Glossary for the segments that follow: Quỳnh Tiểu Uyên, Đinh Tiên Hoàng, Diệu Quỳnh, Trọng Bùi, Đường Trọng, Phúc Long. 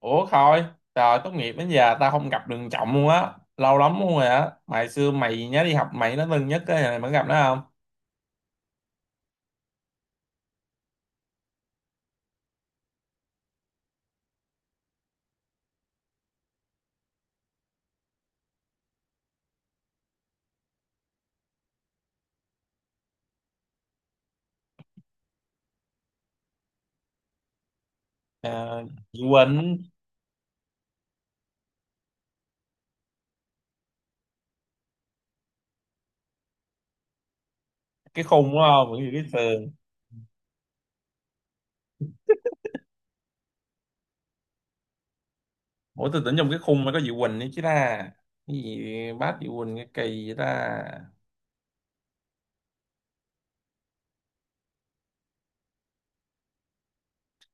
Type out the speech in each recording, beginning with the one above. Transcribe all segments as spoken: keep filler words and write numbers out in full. Ủa Khôi, trời tốt nghiệp đến giờ tao không gặp Đường Trọng luôn á, lâu lắm luôn rồi á. Mày xưa mày nhớ đi học mày nó thân nhất cái này mày gặp nó không? À, Diệu Quỳnh, cái khung đúng không? Vẫn như cái sườn. Ủa tôi tưởng trong cái khung mới có Diệu Quỳnh nữa chứ ta. Cái gì bác Diệu Quỳnh cái kỳ vậy ta.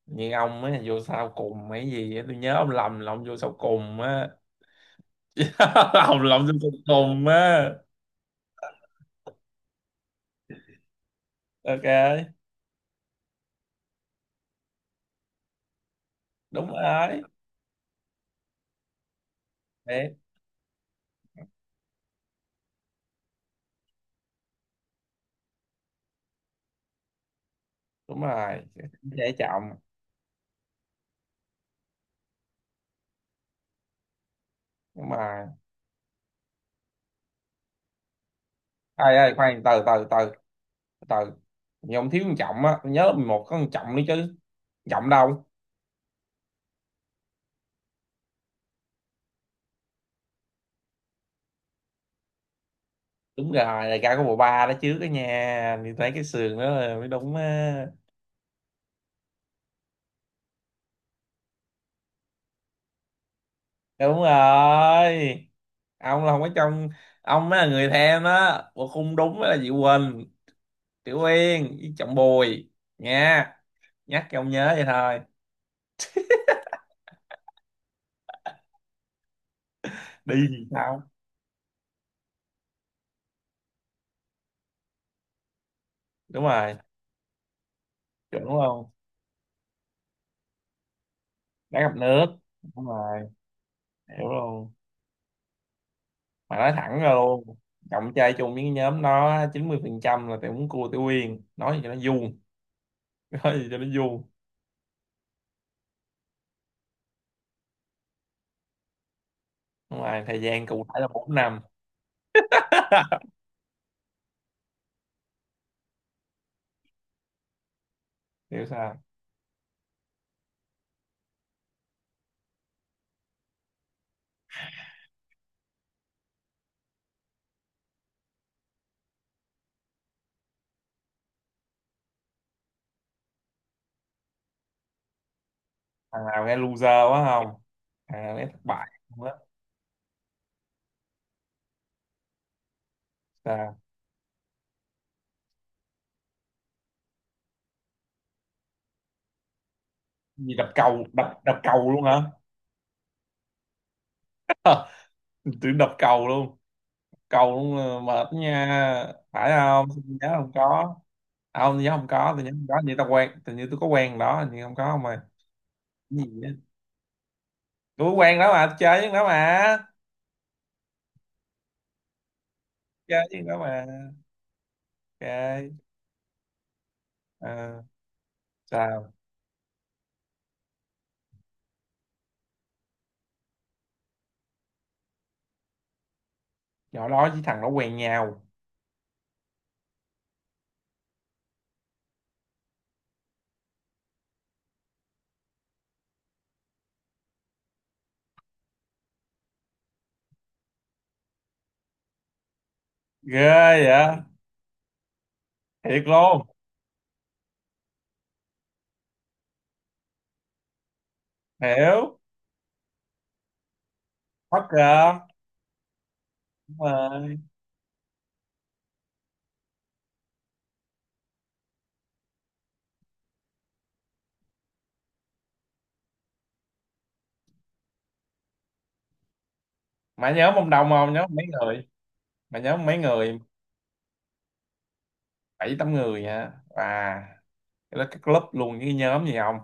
Như ông ấy là vô sau cùng mấy gì á, tôi nhớ ông lầm là ông vô sau cùng á. Ông lầm vô sau cùng á. Ok, đúng rồi. Đấy, đúng rồi. Dễ chậm. Đúng rồi. Ai ai khoan từ từ từ từ, nhưng ông thiếu con trọng á, tôi nhớ lớp mười một có con trọng nữa chứ. Trọng đâu? Đúng rồi, đại ca có bộ ba đó chứ cái nhà thì thấy cái sườn đó là mới đúng á. Đúng rồi, ông là không có trong, ông mới là người thêm đó. Bộ khung đúng mới là chị Quỳnh, Tiểu Uyên với Trọng Bùi nha. Nhắc cho ông nhớ vậy thôi. Đi thì sao? Đúng rồi, chuẩn luôn. Đá gặp nước. Đúng rồi, hiểu luôn. Mà nói thẳng ra luôn, cộng chơi chung với cái nhóm nó chín mươi phần trăm là tụi muốn cua tụi Uyên, nói gì cho nó vuông. Nói gì cho nó vuông. Nhưng mà thời gian cụ thể là bốn năm. Hiểu sao? Thằng nào nghe loser quá không, thằng nào nghe thất bại không á? Sao? Gì, đập cầu? Đập đập cầu luôn hả? Tưởng đập cầu luôn. Cầu luôn là mệt nha, phải không? Tôi nhớ không có. À, không, tôi nhớ không có, tôi nhớ không có. Như tao quen tự nhiên tôi có quen đó, nhưng không có, không mà. Cái gì á? Tôi có quen đó mà, tôi chơi với nó mà. Chơi chứ có mà, chơi. Ờ, sao? Nhỏ đó với thằng nó quen nhau? Ghê vậy. Thiệt luôn. Hiểu. Bất ngờ. Đúng rồi. Mà nhớ mông đồng, không nhớ mấy người. Mà nhớ mấy người. Bảy tám người hả? Và cái đó cái club luôn với cái nhóm gì không?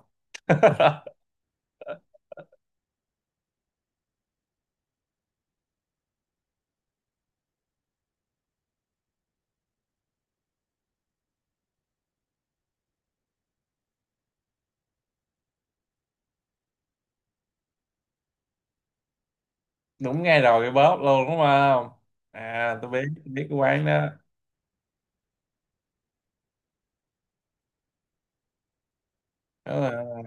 Đúng ngay rồi, cái bóp luôn đúng không. À tôi biết, tôi biết cái quán đó. Đúng rồi.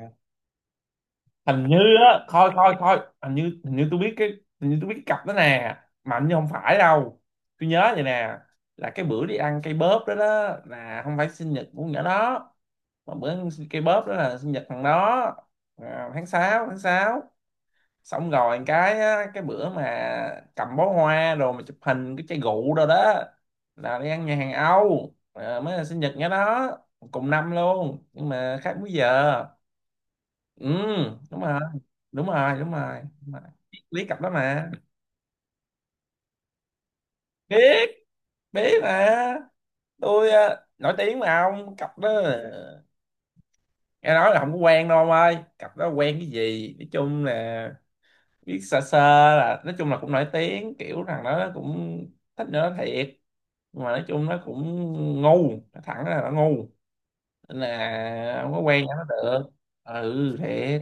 Hình như, á thôi thôi thôi, hình như, hình như tôi biết cái, hình như tôi biết cái cặp đó nè. Mà hình như không phải đâu. Tôi nhớ vậy nè, là cái bữa đi ăn cây bóp đó đó, là không phải sinh nhật của nhỏ đó. Mà bữa ăn cây bóp đó là sinh nhật thằng đó, à, tháng sáu tháng sáu. Xong rồi cái á, cái bữa mà cầm bó hoa rồi mà chụp hình cái chai rượu rồi đó, là đi ăn nhà hàng Âu, à, mới là sinh nhật nhỏ đó. Cùng năm luôn nhưng mà khác múi giờ. Ừ, đúng rồi. Đúng rồi đúng rồi đúng rồi. Lý cặp đó mà. Biết biết mà, tôi ờ, nổi tiếng mà ông, cặp đó ờ, nghe nói là không có quen đâu ông ơi. Cặp đó quen cái gì, nói chung là biết sơ sơ. Là nói chung là cũng nổi tiếng, kiểu thằng đó nó cũng thích nữa thiệt. Nhưng mà nói chung nó cũng ngu, nó thẳng là nó ngu, nên là không có quen cho nó được. Ừ, thiệt.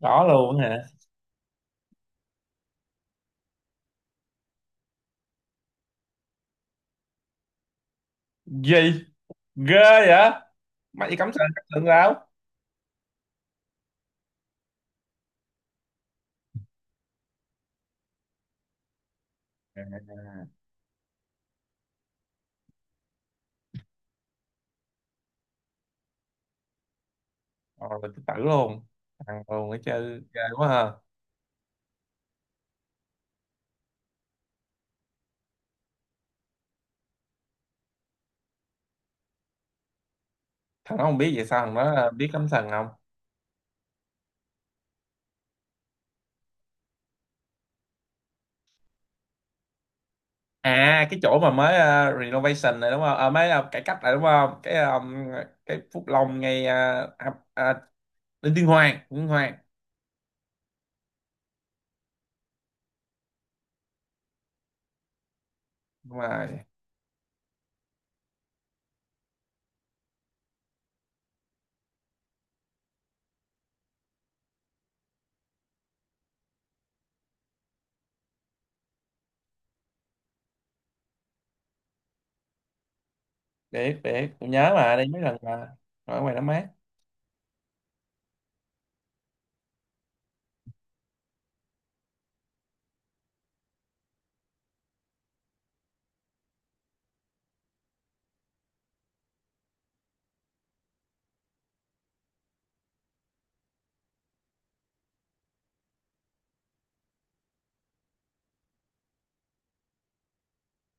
Rõ luôn hả? Gì, ghê vậy. Mày đi cắm sừng, cắm sừng đâu? Rồi là tự tử luôn. Thằng luôn ấy chơi ghê quá ha. Thằng nó không biết vậy sao, thằng nó ờ, biết cắm sừng không? À cái chỗ mà mới ờ, renovation này đúng không, à, mới ờ, cải cách này đúng không, cái ờ, cái Phúc Long ngay ờ, à, à, Đinh Tiên Hoàng, Đinh Tiên Hoàng. Đúng rồi. Biết biết, tôi nhớ mà, đi mấy lần mà. Ở ngoài nó mát.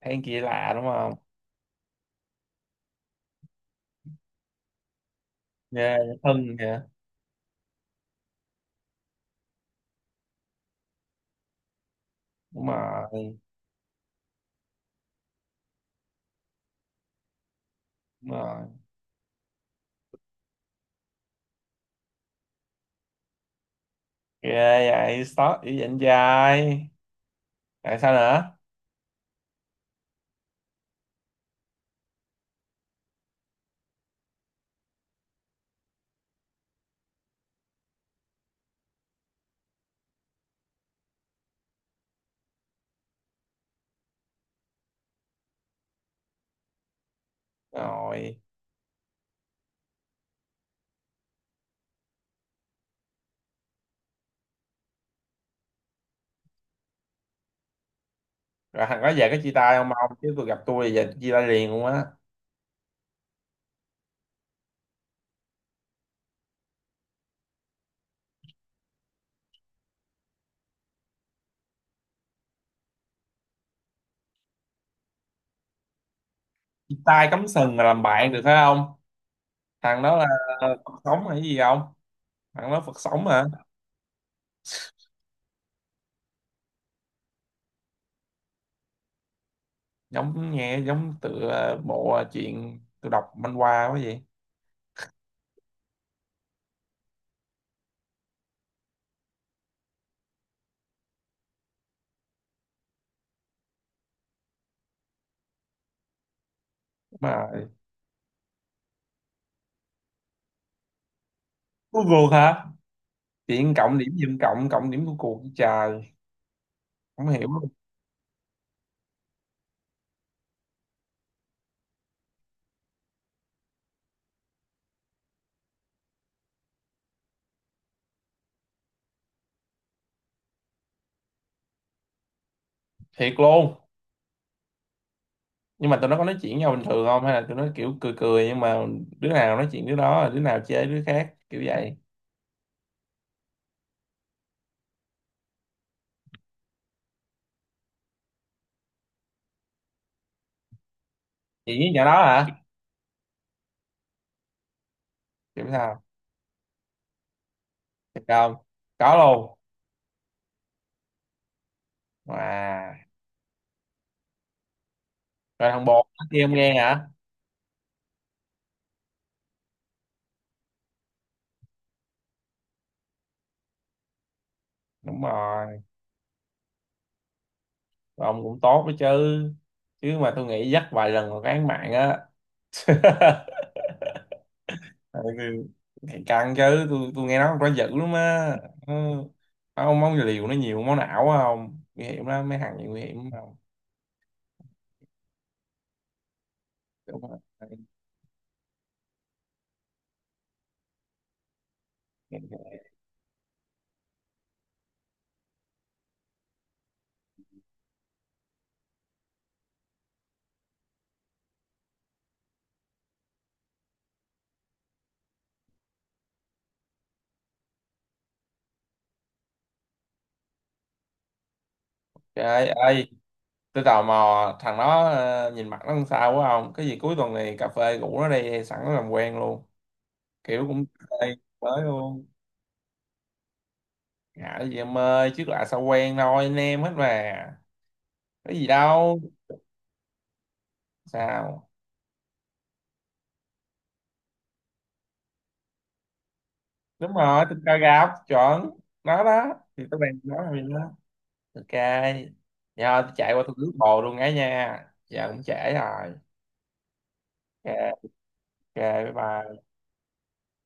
Than kia lạ đúng không. Ghê. Thân kìa. Đúng rồi. Đúng rồi. Ghê vậy, stop dữ vậy anh trai. Tại sao nữa? Rồi. Rồi thằng đó về có chia tay không ông, chứ tôi gặp tôi giờ chia tay liền luôn á. Chia tay cắm sừng mà làm bạn được phải không? Thằng đó là Phật sống hay gì không? Thằng đó Phật sống hả? Giống nghe giống tựa bộ chuyện tôi đọc manh qua quá vậy. Mà Cuối cuộc hả? Chuyện cộng điểm giùm, cộng cộng điểm của cuộc trời. Không hiểu. Thiệt luôn. Nhưng mà tụi nó có nói chuyện với nhau bình thường không, hay là tụi nó kiểu cười cười nhưng mà đứa nào nói chuyện đứa đó, đứa nào chê đứa khác kiểu vậy. Chuyện với nhỏ đó hả? Kiểu sao? Thiệt không? Có luôn. Wow. Rồi thằng bồ kia ông nghe hả? Đúng rồi. Ông cũng tốt đó chứ. Chứ mà tôi nghĩ dắt vài lần còn án mạng á. Ừ, thì căng chứ, tôi tôi nghe nói con quá dữ lắm á. Ừ. Ông món liều nó nhiều máu não á không? Nguy hiểm lắm, mấy thằng này nguy hiểm lắm, không? Đúng rồi. Trời ơi, tôi tò mò thằng đó ờ, nhìn mặt nó làm sao quá không? Cái gì cuối tuần này cà phê rủ nó đi sẵn nó làm quen luôn. Kiểu cũng cà phê mới luôn. Dạ gì em ơi, trước lạ sao quen thôi, anh em hết mà. Có gì đâu. Sao? Đúng rồi, tình cờ gặp, chuẩn. Nó đó. Thì tôi bạn nói rồi đó. Ok. Nhờ tôi chạy qua tôi rước bồ luôn ấy nha. Giờ cũng trễ rồi. Ok, ok, bye bye.